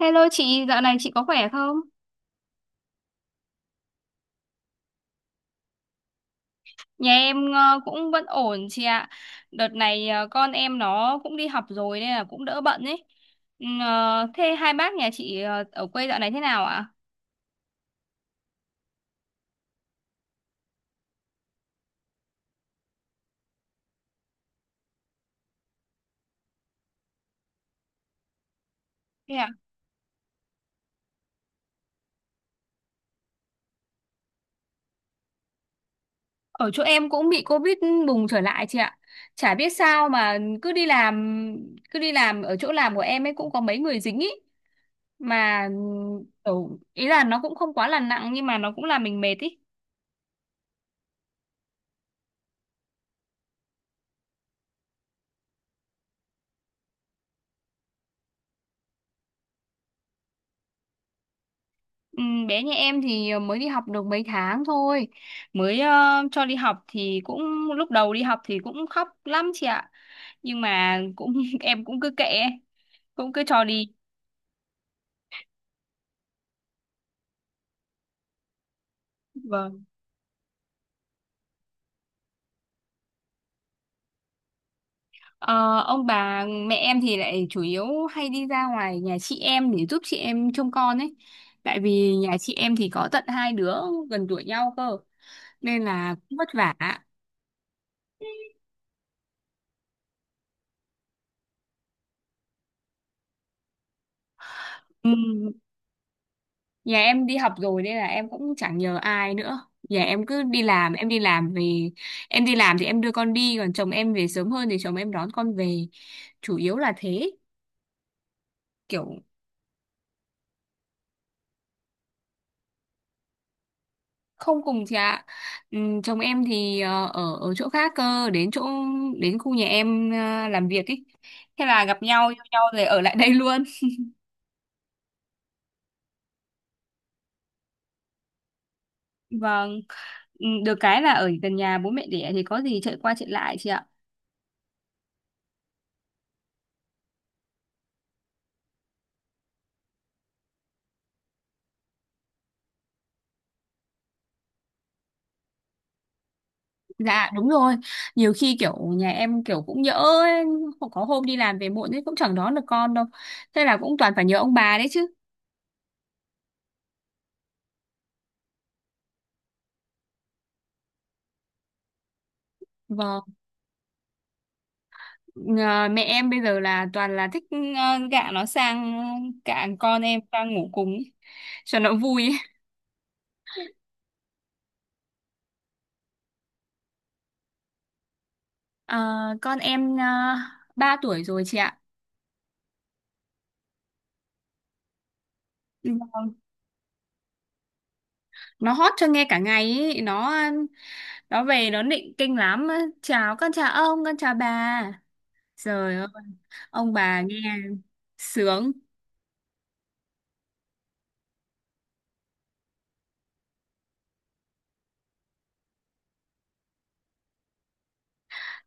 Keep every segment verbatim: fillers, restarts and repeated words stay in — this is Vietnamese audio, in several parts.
Hello chị, dạo này chị có khỏe không? Nhà em ờ, cũng vẫn ổn chị ạ. Đợt này ờ, con em nó cũng đi học rồi nên là cũng đỡ bận ấy. Ừm, ờ, thế hai bác nhà chị ờ, ở quê dạo này thế nào ạ? Thế ạ? Ở chỗ em cũng bị Covid bùng trở lại chị ạ. Chả biết sao mà cứ đi làm cứ đi làm ở chỗ làm của em ấy cũng có mấy người dính ý mà ừ, ý là nó cũng không quá là nặng nhưng mà nó cũng làm mình mệt ý. Ừ, bé nhà em thì ờ, mới đi học được mấy tháng thôi mới ờ, cho đi học thì cũng lúc đầu đi học thì cũng khóc lắm chị ạ, nhưng mà cũng em cũng cứ kệ ấy, cũng cứ cho đi. Vâng. Ờ, ông bà mẹ em thì lại chủ yếu hay đi ra ngoài nhà chị em để giúp chị em trông con ấy, tại vì nhà chị em thì có tận hai đứa gần tuổi nhau cơ, nên là cũng vất vả. Ừ, nhà em đi học rồi nên là em cũng chẳng nhờ ai nữa. Nhà em cứ đi làm, em đi làm về, em đi làm thì em đưa con đi, còn chồng em về sớm hơn thì chồng em đón con về. Chủ yếu là thế, kiểu không cùng chị ạ. Ừm, chồng em thì ờ, ở ở chỗ khác cơ, đến chỗ đến khu nhà em ờ, làm việc ấy. Thế là gặp nhau yêu nhau rồi ở lại đây luôn. Vâng, ừm, được cái là ở gần nhà bố mẹ đẻ thì có gì chạy qua chạy lại chị ạ. Dạ đúng rồi. Nhiều khi kiểu nhà em kiểu cũng nhỡ ấy. Có hôm đi làm về muộn ấy cũng chẳng đón được con đâu, thế là cũng toàn phải nhờ ông bà đấy chứ. Vâng. Ờ, mẹ em bây giờ là toàn là thích ờ, gạ nó sang, gạ con em sang ngủ cùng ấy, cho nó vui ấy. Ờ, con em ờ, ba tuổi rồi chị ạ. Vâng. Nó hót cho nghe cả ngày ấy. Nó nó về nó nịnh kinh lắm. Chào con chào ông con chào bà. Trời ơi, ông bà nghe sướng.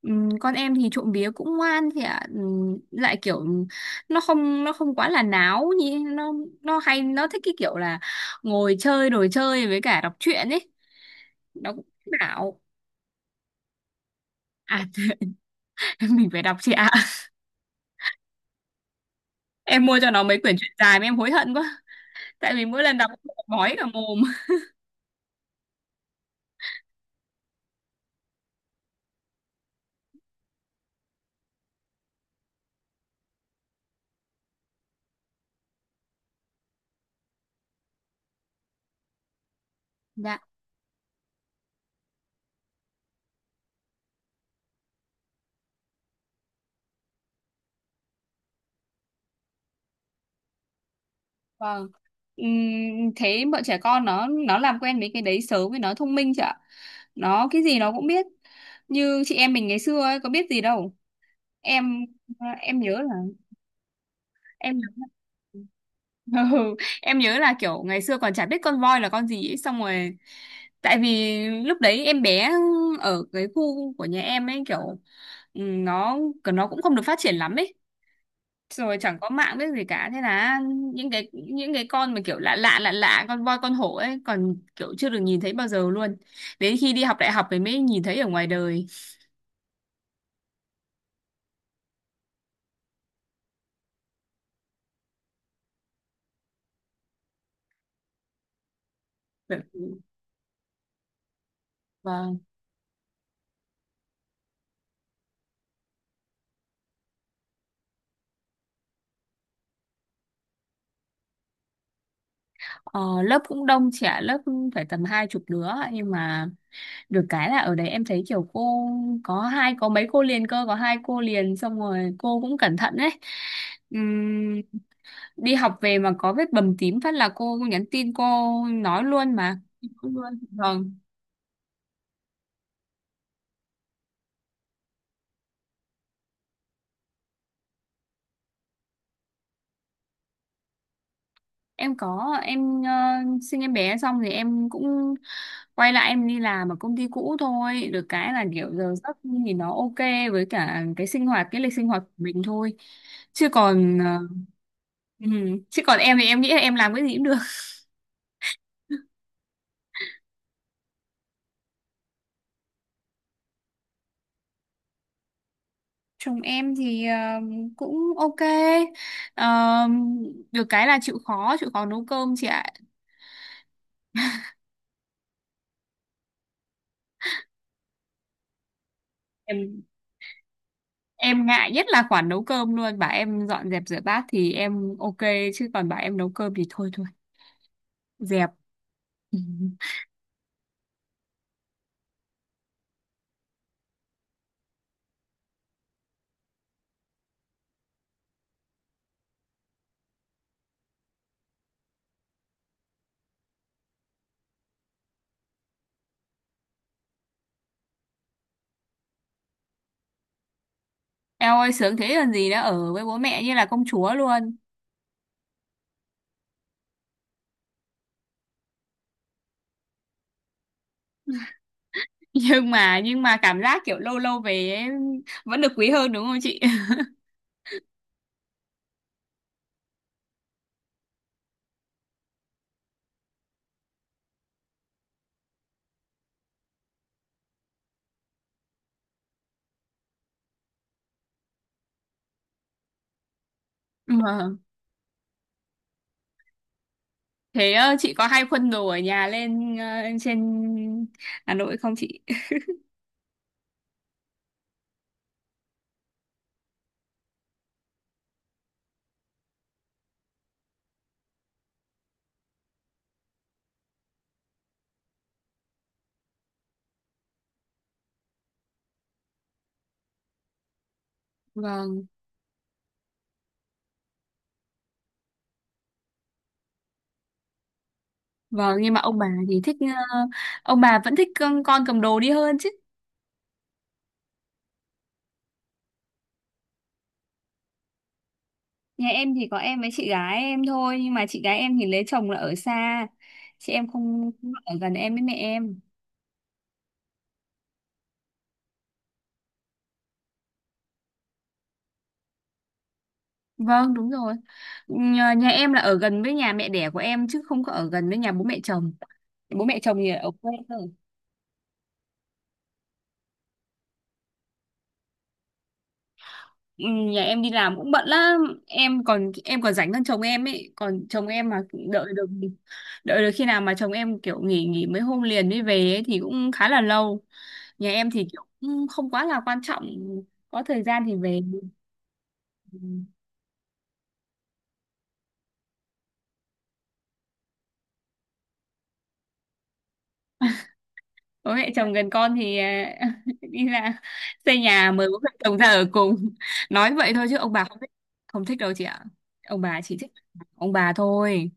Ừm, con em thì trộm vía cũng ngoan thì ạ. Ừm, lại kiểu nó không nó không quá là náo như nó nó hay nó thích cái kiểu là ngồi chơi đồ chơi với cả đọc truyện ấy, nó cũng bảo à, mình phải đọc chị ạ. Em mua cho nó mấy quyển truyện dài mà em hối hận quá, tại vì mỗi lần đọc bói cả mồm. Dạ vâng. Ừm, thế bọn trẻ con nó nó làm quen với cái đấy sớm với nó thông minh chị ạ, nó cái gì nó cũng biết. Như chị em mình ngày xưa ấy, có biết gì đâu. Em em nhớ là em nhớ là- ừ, em nhớ là kiểu ngày xưa còn chả biết con voi là con gì ấy, xong rồi tại vì lúc đấy em bé ở cái khu của nhà em ấy kiểu, ừ, nó nó cũng không được phát triển lắm ấy, rồi chẳng có mạng biết gì cả. Thế là những cái những cái con mà kiểu lạ lạ lạ lạ con voi con hổ ấy còn kiểu chưa được nhìn thấy bao giờ luôn, đến khi đi học đại học thì mới nhìn thấy ở ngoài đời. Vâng. Ờ, lớp cũng đông trẻ, lớp phải tầm hai chục đứa, nhưng mà được cái là ở đấy em thấy kiểu cô có hai có mấy cô liền cơ có hai cô liền, xong rồi cô cũng cẩn thận đấy. Ừm, đi học về mà có vết bầm tím phát là cô nhắn tin, cô nói luôn mà. Nói luôn. Vâng. Em có em ờ, sinh em bé xong thì em cũng quay lại em đi làm ở công ty cũ thôi, được cái là kiểu giờ giấc thì nó ok với cả cái sinh hoạt cái lịch sinh hoạt của mình thôi, chứ còn ờ, ừ, chứ còn em thì em nghĩ là em làm cái gì cũng được. Chồng em thì ờ, cũng ok. Ờ, được cái là chịu khó chịu khó nấu cơm chị ạ. Em ngại nhất là khoản nấu cơm luôn, bảo em dọn dẹp rửa bát thì em ok, chứ còn bảo em nấu cơm thì thôi thôi, dẹp. Em ơi sướng thế còn gì nữa, ở với bố mẹ như là công chúa luôn. nhưng mà nhưng mà cảm giác kiểu lâu lâu về ấy, vẫn được quý hơn đúng không chị? Vâng. Thế ờ, chị có hay khuân đồ ở nhà lên ờ, trên Hà Nội không chị? vâng vâng nhưng mà ông bà thì thích ờ, ông bà vẫn thích con, con cầm đồ đi hơn chứ. Nhà em thì có em với chị gái em thôi, nhưng mà chị gái em thì lấy chồng là ở xa, chị em không không ở gần em với mẹ em. Vâng đúng rồi, nhà, nhà em là ở gần với nhà mẹ đẻ của em chứ không có ở gần với nhà bố mẹ chồng. Bố mẹ chồng thì ở quê cơ. Ừ, nhà em đi làm cũng bận lắm, em còn em còn rảnh hơn chồng em ấy, còn chồng em mà đợi được đợi được khi nào mà chồng em kiểu nghỉ nghỉ mấy hôm liền mới về ấy, thì cũng khá là lâu. Nhà em thì kiểu cũng không quá là quan trọng, có thời gian thì về. Ừ. Bố mẹ chồng gần con thì à, đi ra xây nhà mời bố mẹ chồng ra ở cùng. Nói vậy thôi chứ ông bà không thích, không thích đâu chị ạ. Ông bà chỉ thích ông bà thôi.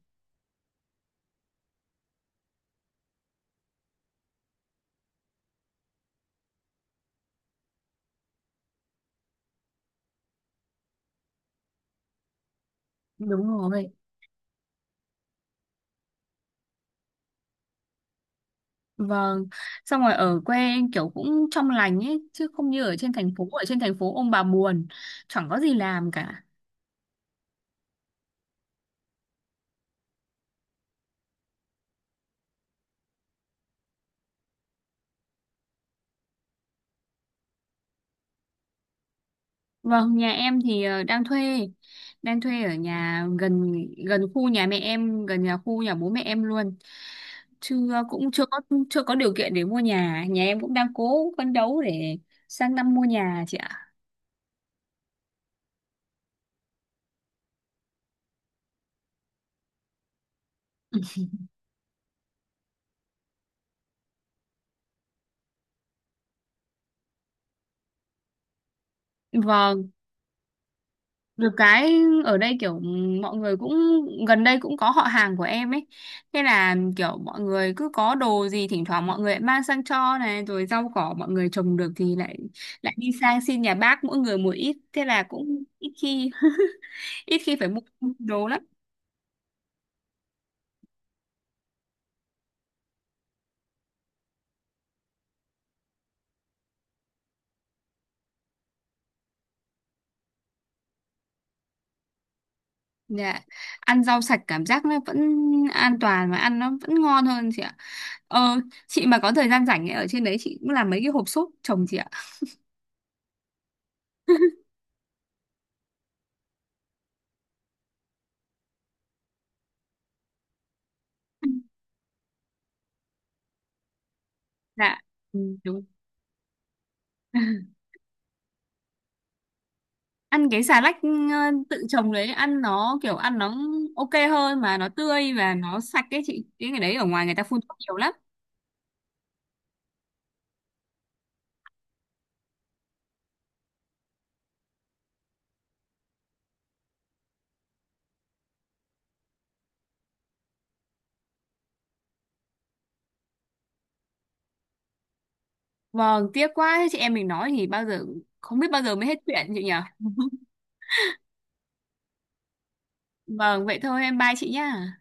Đúng rồi. Vâng, xong rồi ở quê em kiểu cũng trong lành ấy chứ không như ở trên thành phố, ở trên thành phố ông bà buồn chẳng có gì làm cả. Vâng, nhà em thì ờ, đang thuê, đang thuê ở nhà gần, gần khu nhà mẹ em, gần nhà khu nhà bố mẹ em luôn. Chưa, cũng chưa có, chưa có điều kiện để mua nhà, nhà em cũng đang cố phấn đấu để sang năm mua nhà chị ạ. Vâng, được cái ở đây kiểu ừ, mọi người cũng gần đây cũng có họ hàng của em ấy. Thế là kiểu mọi người cứ có đồ gì thỉnh thoảng mọi người lại mang sang cho này, rồi rau cỏ mọi người trồng được thì lại lại đi sang xin nhà bác mỗi người một ít, thế là cũng ít khi ít khi phải mua đồ lắm. Dạ ăn rau sạch cảm giác nó vẫn an toàn và ăn nó vẫn ngon hơn chị ạ. Ờ chị mà có thời gian rảnh ấy, ở trên đấy chị cũng làm mấy cái hộp sốt trồng chị ạ. Dạ, ừ, đúng. Ăn cái xà lách ừ, tự trồng đấy ăn nó kiểu ăn nó ok hơn mà nó tươi và nó sạch ấy chị, cái ngày đấy ở ngoài người ta phun thuốc nhiều lắm. Vâng tiếc quá, thế chị em mình nói thì bao giờ, không biết bao giờ mới hết chuyện chị nhỉ. Vâng vậy thôi em bye chị nhá.